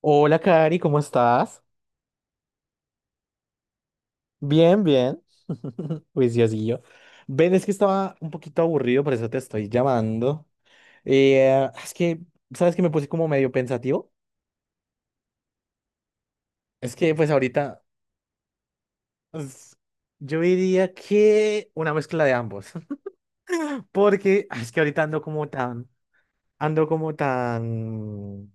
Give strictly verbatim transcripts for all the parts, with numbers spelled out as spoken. Hola, Cari, ¿cómo estás? Bien, bien. Juiciosillo. Ven, es que estaba un poquito aburrido, por eso te estoy llamando. Eh, es que, ¿sabes que me puse como medio pensativo? Es que, pues ahorita, pues, yo diría que una mezcla de ambos. Porque ah, es que ahorita ando como tan, ando como tan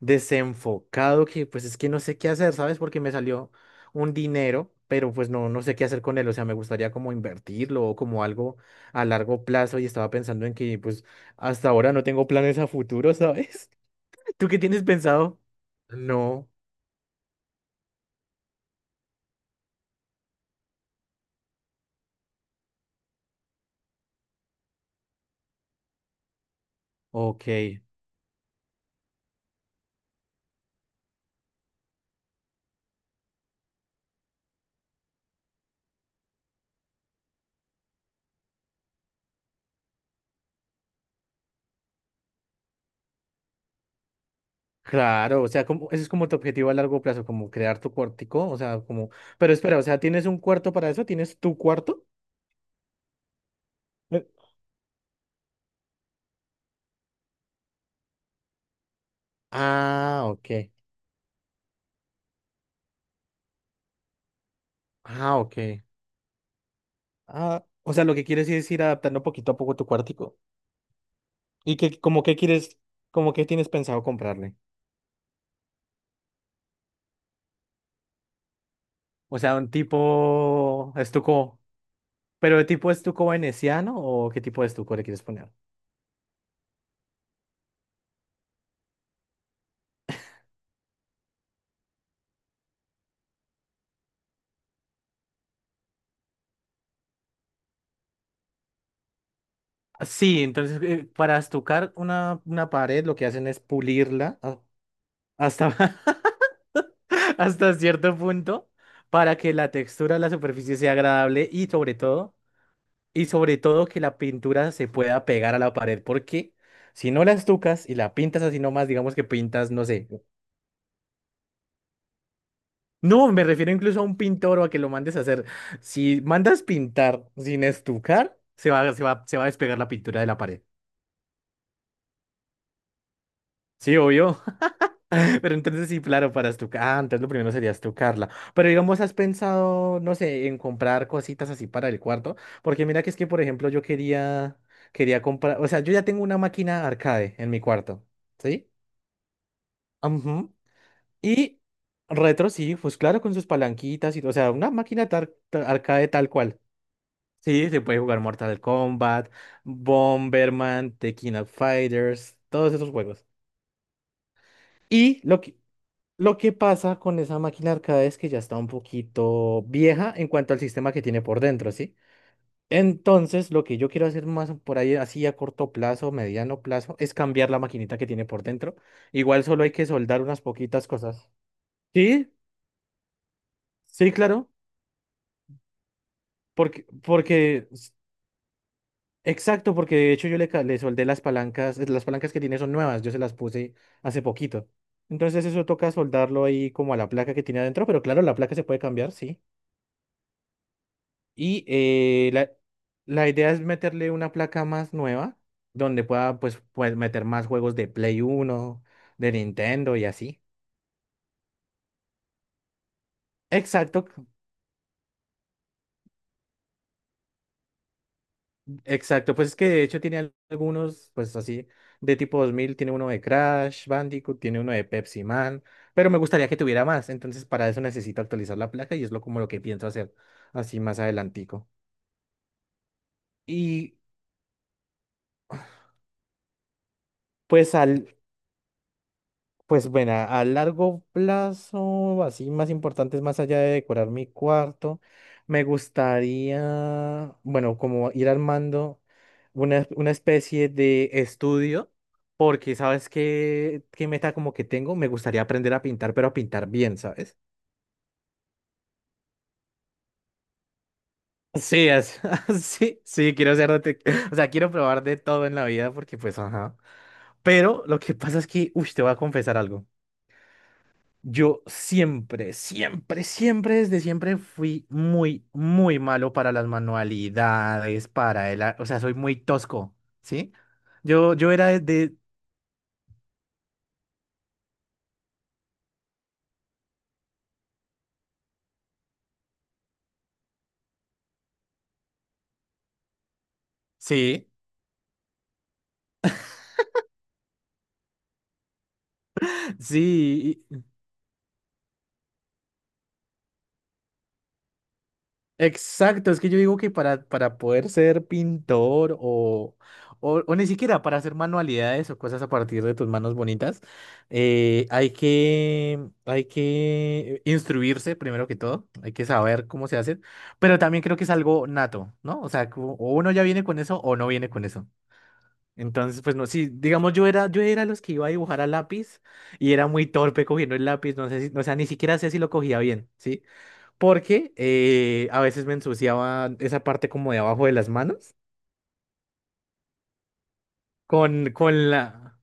desenfocado que pues es que no sé qué hacer, ¿sabes? Porque me salió un dinero, pero pues no, no sé qué hacer con él, o sea, me gustaría como invertirlo o como algo a largo plazo y estaba pensando en que pues hasta ahora no tengo planes a futuro, ¿sabes? ¿Tú qué tienes pensado? No, ok. Claro, o sea, como, ese es como tu objetivo a largo plazo, como crear tu cuartico, o sea, como, pero espera, o sea, ¿tienes un cuarto para eso? ¿Tienes tu cuarto? Eh, Ah, ok. Ah, ok. Ah, o sea, lo que quieres es ir adaptando poquito a poco tu cuartico. ¿Y que como que quieres, como que tienes pensado comprarle? O sea, un tipo estuco, pero ¿de tipo estuco veneciano o qué tipo de estuco le quieres poner? Ah, sí, entonces eh, para estucar una, una pared lo que hacen es pulirla ah, hasta, hasta cierto punto para que la textura de la superficie sea agradable y sobre todo, y sobre todo que la pintura se pueda pegar a la pared, porque si no la estucas y la pintas así nomás, digamos que pintas, no sé. No, me refiero incluso a un pintor o a que lo mandes a hacer. Si mandas pintar sin estucar, se va, se va, se va a despegar la pintura de la pared. Sí, obvio. Pero entonces sí, claro, para estucar. Ah, entonces lo primero sería estucarla. Pero digamos, ¿has pensado, no sé, en comprar cositas así para el cuarto? Porque mira que es que, por ejemplo, yo quería, quería comprar, o sea, yo ya tengo una máquina arcade en mi cuarto. ¿Sí? Ujú. Y retro, sí, pues claro, con sus palanquitas y, o sea, una máquina tar- tar- arcade tal cual. Sí, se puede jugar Mortal Kombat, Bomberman, The King of Fighters, todos esos juegos. Y lo que, lo que pasa con esa máquina arcade es que ya está un poquito vieja en cuanto al sistema que tiene por dentro, ¿sí? Entonces, lo que yo quiero hacer más por ahí, así a corto plazo, mediano plazo, es cambiar la maquinita que tiene por dentro. Igual solo hay que soldar unas poquitas cosas. Sí, sí, claro. Porque, porque, s- exacto, porque de hecho yo le, ca- le soldé las palancas, eh, las palancas que tiene son nuevas, yo se las puse hace poquito. Entonces eso toca soldarlo ahí como a la placa que tiene adentro, pero claro, la placa se puede cambiar, sí. Y eh, la, la idea es meterle una placa más nueva, donde pueda pues, pues meter más juegos de Play Uno, de Nintendo y así. Exacto, exacto, pues es que de hecho tiene al- algunos, pues así, de tipo dos mil, tiene uno de Crash Bandicoot, tiene uno de Pepsi Man, pero me gustaría que tuviera más, entonces para eso necesito actualizar la placa y es lo como lo que pienso hacer así más adelantico. Y pues al, Pues bueno, a a largo plazo, así más importantes, más allá de decorar mi cuarto, me gustaría, bueno, como ir armando una, una especie de estudio, porque sabes qué, qué meta como que tengo, me gustaría aprender a pintar, pero a pintar bien, ¿sabes? Sí, es- sí, sí, quiero ser, arquitec- o sea, quiero probar de todo en la vida, porque pues, ajá. Pero lo que pasa es que, uy, te voy a confesar algo. Yo siempre, siempre, siempre, desde siempre fui muy, muy malo para las manualidades, para el, a- o sea, soy muy tosco, ¿sí? Yo, yo era de, de- sí, sí. Exacto, es que yo digo que para, para poder ser pintor o, o, o ni siquiera para hacer manualidades o cosas a partir de tus manos bonitas, eh, hay que, hay que instruirse primero que todo, hay que saber cómo se hace, pero también creo que es algo nato, ¿no? O sea, como o uno ya viene con eso o no viene con eso. Entonces, pues no, sí, digamos, yo era, yo era los que iba a dibujar a lápiz y era muy torpe cogiendo el lápiz, no sé si, o sea, ni siquiera sé si lo cogía bien, ¿sí? Porque eh, a veces me ensuciaba esa parte como de abajo de las manos con, con la…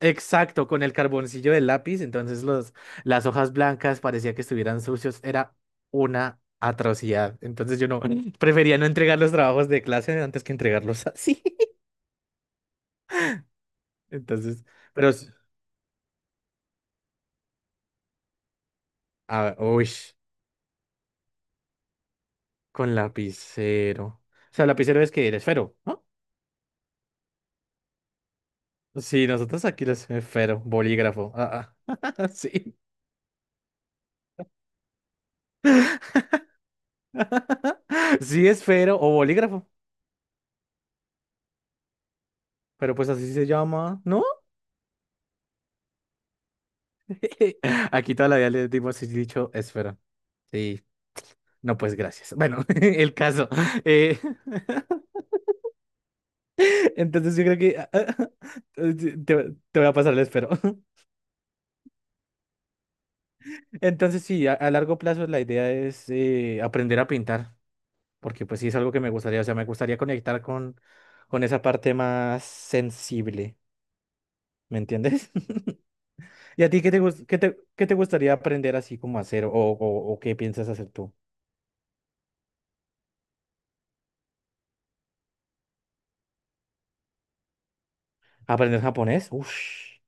exacto, con el carboncillo del lápiz, entonces los, las hojas blancas parecía que estuvieran sucios, era una atrocidad. Entonces yo no prefería no entregar los trabajos de clase antes que entregarlos así. Entonces, pero s- a- uy, con lapicero. O sea, lapicero es que eres fero, ¿no? Sí, nosotros aquí los eh, fero, bolígrafo. Ah, ah, sí. Sí, esfero o bolígrafo, pero pues así se llama, ¿no? Aquí toda la vida le dimos el dicho esfera. Sí, no, pues gracias. Bueno, el caso. eh, entonces yo creo que ah, ah, te, te voy a pasar el esfero. Entonces sí, a, a largo plazo la idea es eh, aprender a pintar, porque pues sí es algo que me gustaría, o sea, me gustaría conectar con, con esa parte más sensible, ¿me entiendes? ¿Y a ti qué te, gus- qué te, qué te gustaría aprender así como hacer o, o, o qué piensas hacer tú? ¿Aprender japonés? Ush.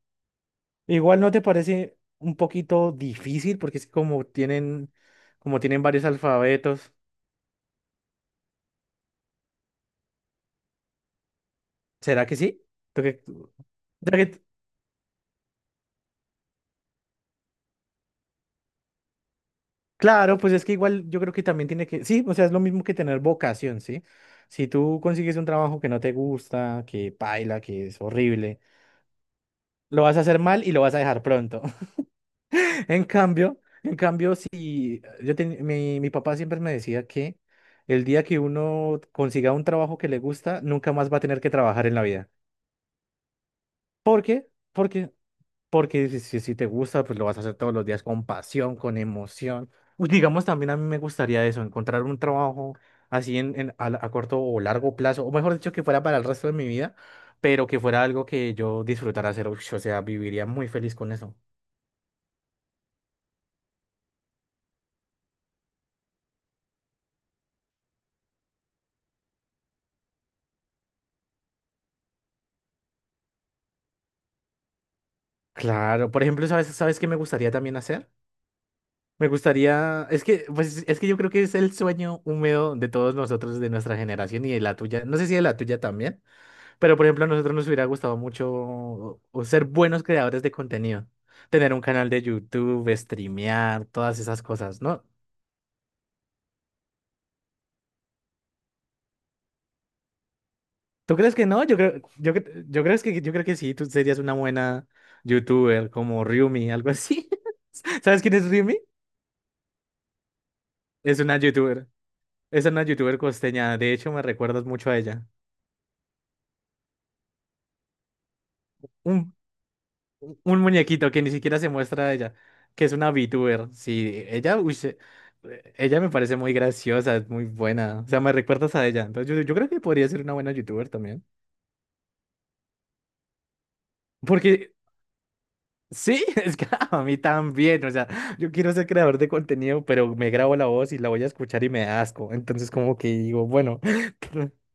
Igual no te parece un poquito difícil porque es como tienen, como tienen varios alfabetos. ¿Será que sí? ¿Tú qué- o sea que- claro, pues es que igual yo creo que también tiene que, sí, o sea, es lo mismo que tener vocación, ¿sí? Si tú consigues un trabajo que no te gusta, que paila, que es horrible, lo vas a hacer mal y lo vas a dejar pronto. En cambio, en cambio, si yo ten- mi, mi papá siempre me decía que el día que uno consiga un trabajo que le gusta, nunca más va a tener que trabajar en la vida. ¿Por qué? Porque, porque si, si- si te gusta, pues lo vas a hacer todos los días con pasión, con emoción. Pues digamos, también a mí me gustaría eso, encontrar un trabajo así en, en- a, la- a corto o largo plazo, o mejor dicho, que fuera para el resto de mi vida, pero que fuera algo que yo disfrutara hacer. Ush, o sea, viviría muy feliz con eso. Claro, por ejemplo, ¿sabes, sabes qué me gustaría también hacer? Me gustaría, es que, pues, es que yo creo que es el sueño húmedo de todos nosotros, de nuestra generación y de la tuya. No sé si de la tuya también, pero por ejemplo, a nosotros nos hubiera gustado mucho o o ser buenos creadores de contenido, tener un canal de YouTube, streamear, todas esas cosas, ¿no? ¿Tú crees que no? Yo creo, yo, cre- yo creo que, yo creo que sí, tú serías una buena YouTuber como Ryumi, algo así. ¿Sabes quién es Ryumi? Es una YouTuber, es una YouTuber costeña. De hecho, me recuerdas mucho a ella. Un muñequito que ni siquiera se muestra a ella, que es una VTuber. Sí, ella, uy, se- eh, ella me parece muy graciosa, es muy buena. O sea, me recuerdas a ella. Entonces, yo, yo creo que podría ser una buena YouTuber también. Porque sí, es que a mí también. O sea, yo quiero ser creador de contenido, pero me grabo la voz y la voy a escuchar y me da asco. Entonces, como que digo, bueno.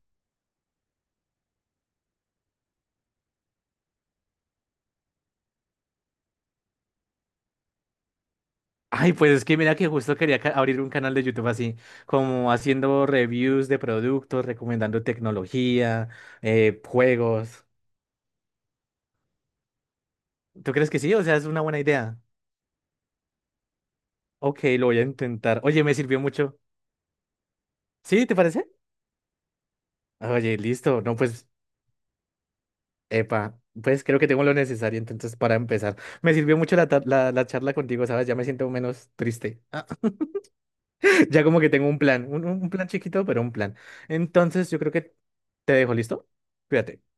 Ay, pues es que mira que justo quería ca- abrir un canal de YouTube así, como haciendo reviews de productos, recomendando tecnología, eh, juegos. ¿Tú crees que sí? O sea, es una buena idea. Ok, lo voy a intentar. Oye, me sirvió mucho. ¿Sí? ¿Te parece? Oye, listo. No, pues, epa, pues creo que tengo lo necesario entonces para empezar. Me sirvió mucho la, ta- la, la charla contigo, ¿sabes? Ya me siento menos triste. Ya como que tengo un plan, un, un plan chiquito, pero un plan. Entonces, yo creo que te dejo, ¿listo? Cuídate.